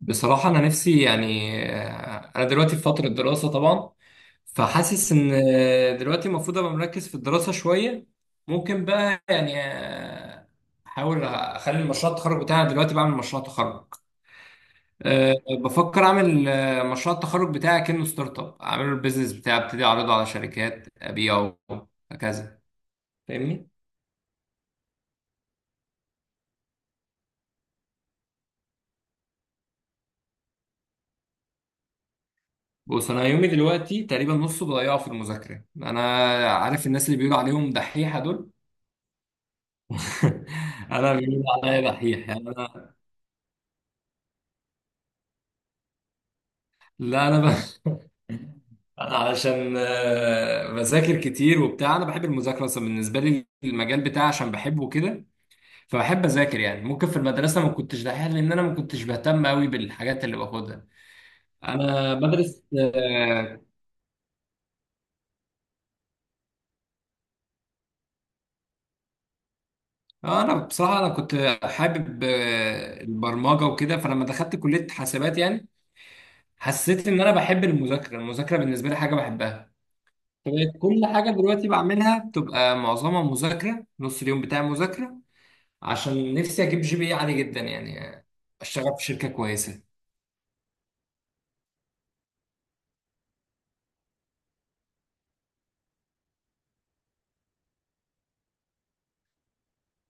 بصراحة أنا نفسي يعني أنا دلوقتي في فترة دراسة طبعا. فحاسس إن دلوقتي المفروض أبقى مركز في الدراسة شوية. ممكن بقى يعني أحاول أخلي مشروع التخرج بتاعي. أنا دلوقتي بعمل مشروع تخرج. أه. بفكر أعمل مشروع التخرج بتاعي كأنه ستارت أب، أعمله البيزنس بتاعي، أبتدي أعرضه على شركات أبيعه هكذا. فاهمني؟ بص، أنا يومي دلوقتي تقريبا نصه بضيعه في المذاكرة. أنا عارف الناس اللي بيقولوا عليهم دحيحة دول. انا بيقولوا عليا دحيح يعني انا. لا، انا ب... انا علشان بذاكر كتير وبتاع. انا بحب المذاكره اصلا، بالنسبه لي المجال بتاعي عشان بحبه كده. فبحب اذاكر. يعني ممكن في المدرسه ما كنتش دحيح، لان انا ما كنتش بهتم قوي بالحاجات اللي باخدها. انا بدرس انا بصراحه انا كنت حابب البرمجه وكده. فلما دخلت كليه حاسبات يعني حسيت ان انا بحب المذاكره. المذاكره بالنسبه لي حاجه بحبها. فبقت كل حاجة دلوقتي بعملها بتبقى معظمها مذاكرة. نص اليوم بتاعي مذاكرة، عشان نفسي أجيب GPA عالي جدا، يعني أشتغل في شركة كويسة.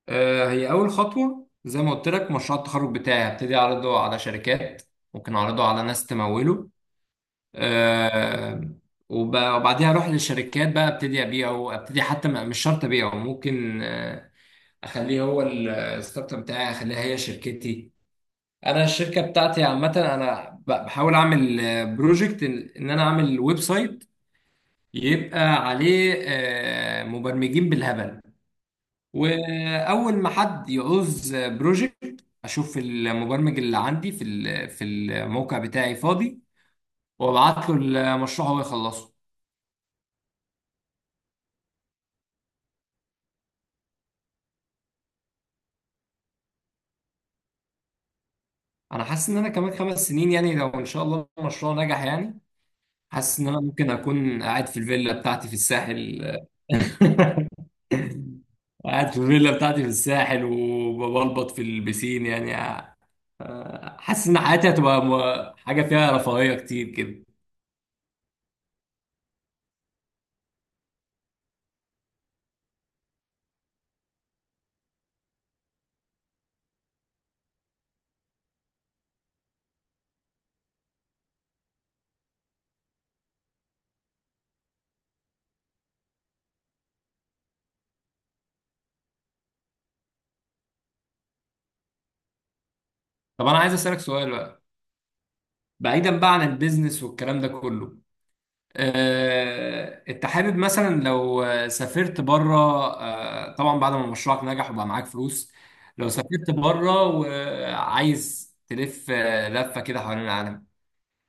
هي أول خطوة زي ما قلت لك، مشروع التخرج بتاعي هبتدي أعرضه على شركات، ممكن أعرضه على ناس تموله. آه، وبعديها أروح للشركات بقى أبتدي أبيعه. أبتدي حتى مش شرط أبيعه، ممكن أخليه هو الستارت اب بتاعي، أخليها هي شركتي. انا الشركه بتاعتي عامه انا بحاول اعمل بروجكت إن انا اعمل ويب سايت، يبقى عليه مبرمجين بالهبل. واول ما حد يعوز بروجكت اشوف المبرمج اللي عندي في الموقع بتاعي فاضي، وابعت له المشروع هو يخلصه. انا حاسس ان انا كمان 5 سنين، يعني لو ان شاء الله المشروع نجح، يعني حاسس ان انا ممكن اكون قاعد في الفيلا بتاعتي في الساحل. قاعد في الفيلا بتاعتي في الساحل وببلبط في البسين يعني. حاسس ان حياتي هتبقى حاجه فيها رفاهيه كتير كده. طب انا عايز اسالك سؤال بقى، بعيدا بقى عن البيزنس والكلام ده كله. انت حابب مثلا لو سافرت بره، طبعا بعد ما مشروعك نجح وبقى معاك فلوس، لو سافرت بره وعايز تلف لفه كده حوالين العالم،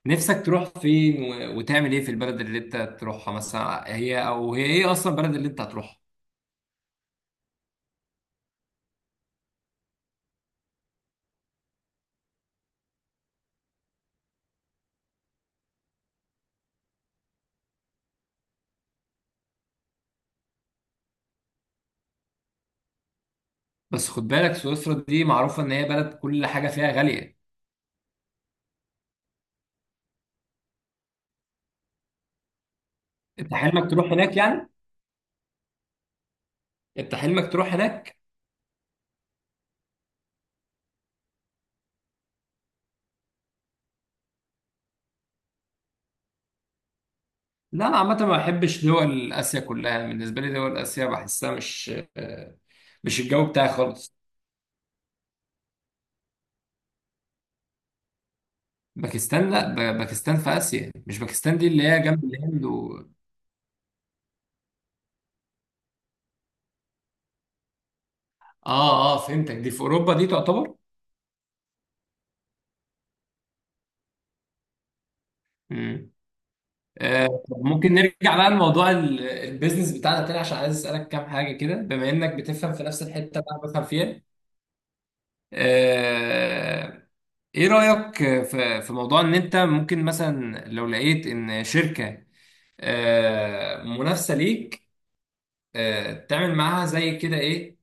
نفسك تروح فين و- وتعمل ايه في البلد اللي انت تروحها؟ مثلا هي ايه اصلا البلد اللي انت هتروحها؟ بس خد بالك سويسرا دي معروفة ان هي بلد كل حاجة فيها غالية. انت حلمك تروح هناك يعني؟ انت حلمك تروح هناك؟ لا، انا عامة ما بحبش دول اسيا كلها. بالنسبة لي دول اسيا بحسها آه، مش الجو بتاعي خالص. باكستان؟ لا، باكستان في اسيا. مش باكستان دي اللي هي جنب الهند و... اه، اه، فهمتك. دي في اوروبا، دي تعتبر. مم. ممكن نرجع بقى لموضوع البيزنس بتاعنا تاني، عشان عايز اسالك كام حاجه كده بما انك بتفهم في نفس الحته اللي انا بفهم فيها. آه، ايه رايك في موضوع ان انت ممكن مثلا لو لقيت ان شركه منافسه ليك، تعمل معاها زي كده ايه،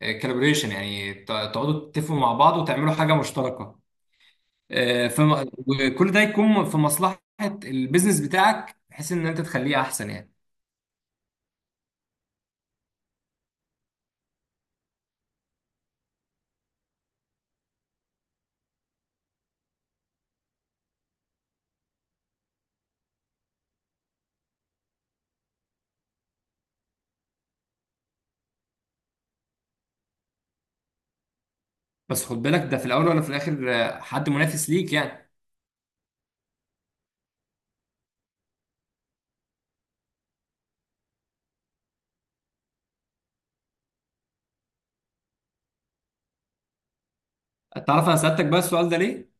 كالبريشن يعني؟ تقعدوا تتفقوا مع بعض وتعملوا حاجه مشتركه، آه، فم... وكل ده يكون في مصلحة البيزنس بتاعك بحيث ان انت تخليه احسن يعني. بس خد بالك ده في الاول ولا في الاخر حد منافس ليك يعني. تعرف انا سألتك بقى السؤال ده ليه؟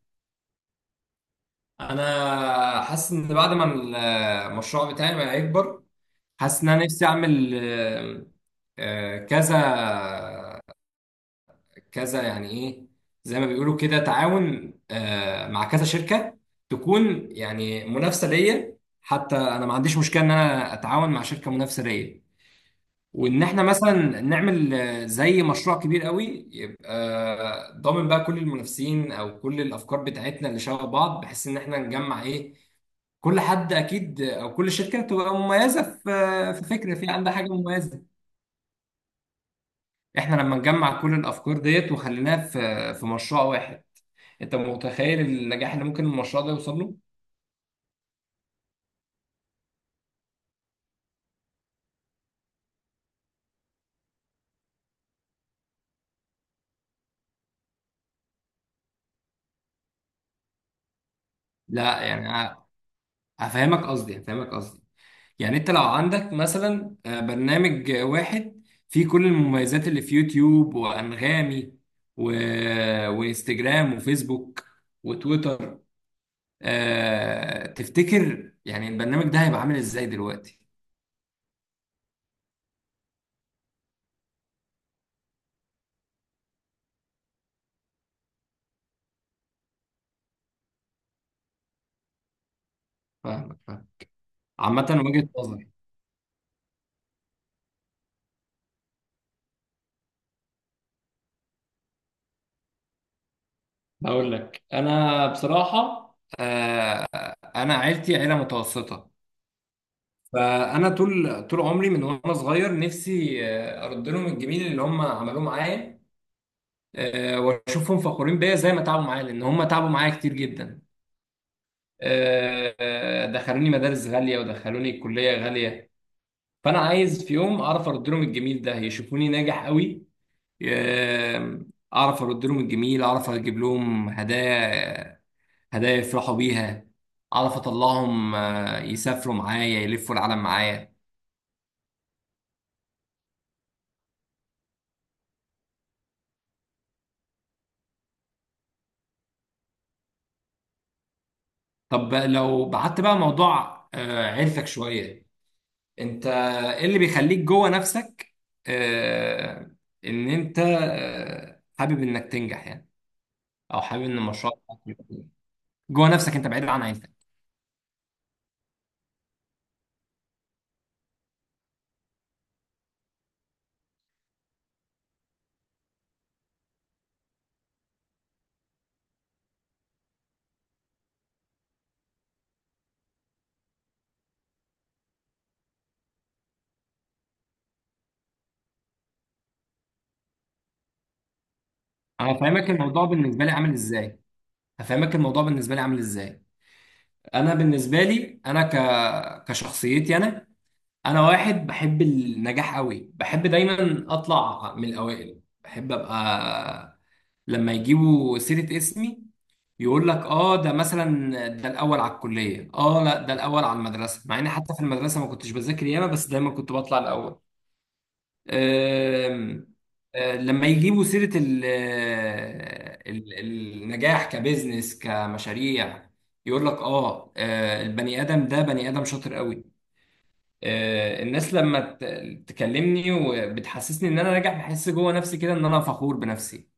انا حاسس ان بعد ما المشروع بتاعي ما هيكبر، حاسس ان انا نفسي اعمل كذا كذا يعني ايه، زي ما بيقولوا كده تعاون، مع كذا شركه تكون يعني منافسه ليا. حتى انا ما عنديش مشكله ان انا اتعاون مع شركه منافسه ليا، وان احنا مثلا نعمل زي مشروع كبير قوي. يبقى ضامن بقى كل المنافسين او كل الافكار بتاعتنا اللي شبه بعض، بحيث ان احنا نجمع ايه. كل حد اكيد او كل شركه تبقى مميزه في فكره، في عندها حاجه مميزه. احنا لما نجمع كل الافكار ديت وخليناها في مشروع واحد، انت متخيل النجاح اللي ممكن المشروع ده يوصل له؟ لا يعني هفهمك قصدي. يعني انت لو عندك مثلا برنامج واحد فيه كل المميزات اللي في يوتيوب وانغامي و... وانستجرام وفيسبوك وتويتر، تفتكر يعني البرنامج ده هيبقى عامل ازاي دلوقتي؟ فاهمك، فاهم. عامة وجهة نظري، هقول لك انا بصراحة، آه، انا عيلتي عيله متوسطه. فانا طول طول عمري من وانا صغير نفسي ارد لهم الجميل اللي هم عملوه معايا، واشوفهم فخورين بيا زي ما تعبوا معايا، لان هم تعبوا معايا كتير جدا. دخلوني مدارس غاليه ودخلوني كليه غاليه. فانا عايز في يوم اعرف ارد لهم الجميل ده، يشوفوني ناجح قوي. آه، اعرف ارد لهم الجميل، اعرف اجيب لهم هدايا، هدايا يفرحوا بيها، اعرف اطلعهم يسافروا معايا، يلفوا العالم معايا. طب لو بعدت بقى موضوع عيلتك شوية، انت ايه اللي بيخليك جوه نفسك، آه، ان انت حابب انك تنجح يعني؟ او حابب ان المشروع بتاعك يبقى كده؟ جوه نفسك انت بعيد عن عيلتك. انا هفهمك الموضوع بالنسبة لي عامل ازاي. هفهمك الموضوع بالنسبة لي عامل ازاي. انا بالنسبة لي انا كشخصيتي انا، انا واحد بحب النجاح قوي، بحب دايما اطلع من الاوائل، بحب ابقى لما يجيبوا سيرة اسمي يقول لك اه، ده مثلا ده الاول على الكلية. اه، لا، ده الاول على المدرسة، مع اني حتى في المدرسة ما كنتش بذاكر ياما، بس دايما كنت بطلع الاول. أم... آه، لما يجيبوا سيرة النجاح كبزنس كمشاريع، يقول لك اه، البني ادم ده بني ادم شاطر قوي. الناس لما تكلمني وبتحسسني ان انا ناجح، بحس جوه نفسي كده ان انا فخور بنفسي.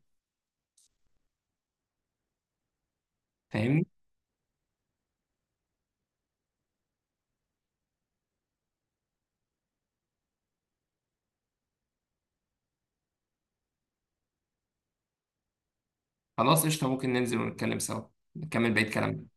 فاهمني. خلاص قشطه، ممكن ننزل ونتكلم سوا، نكمل بقيه كلامنا.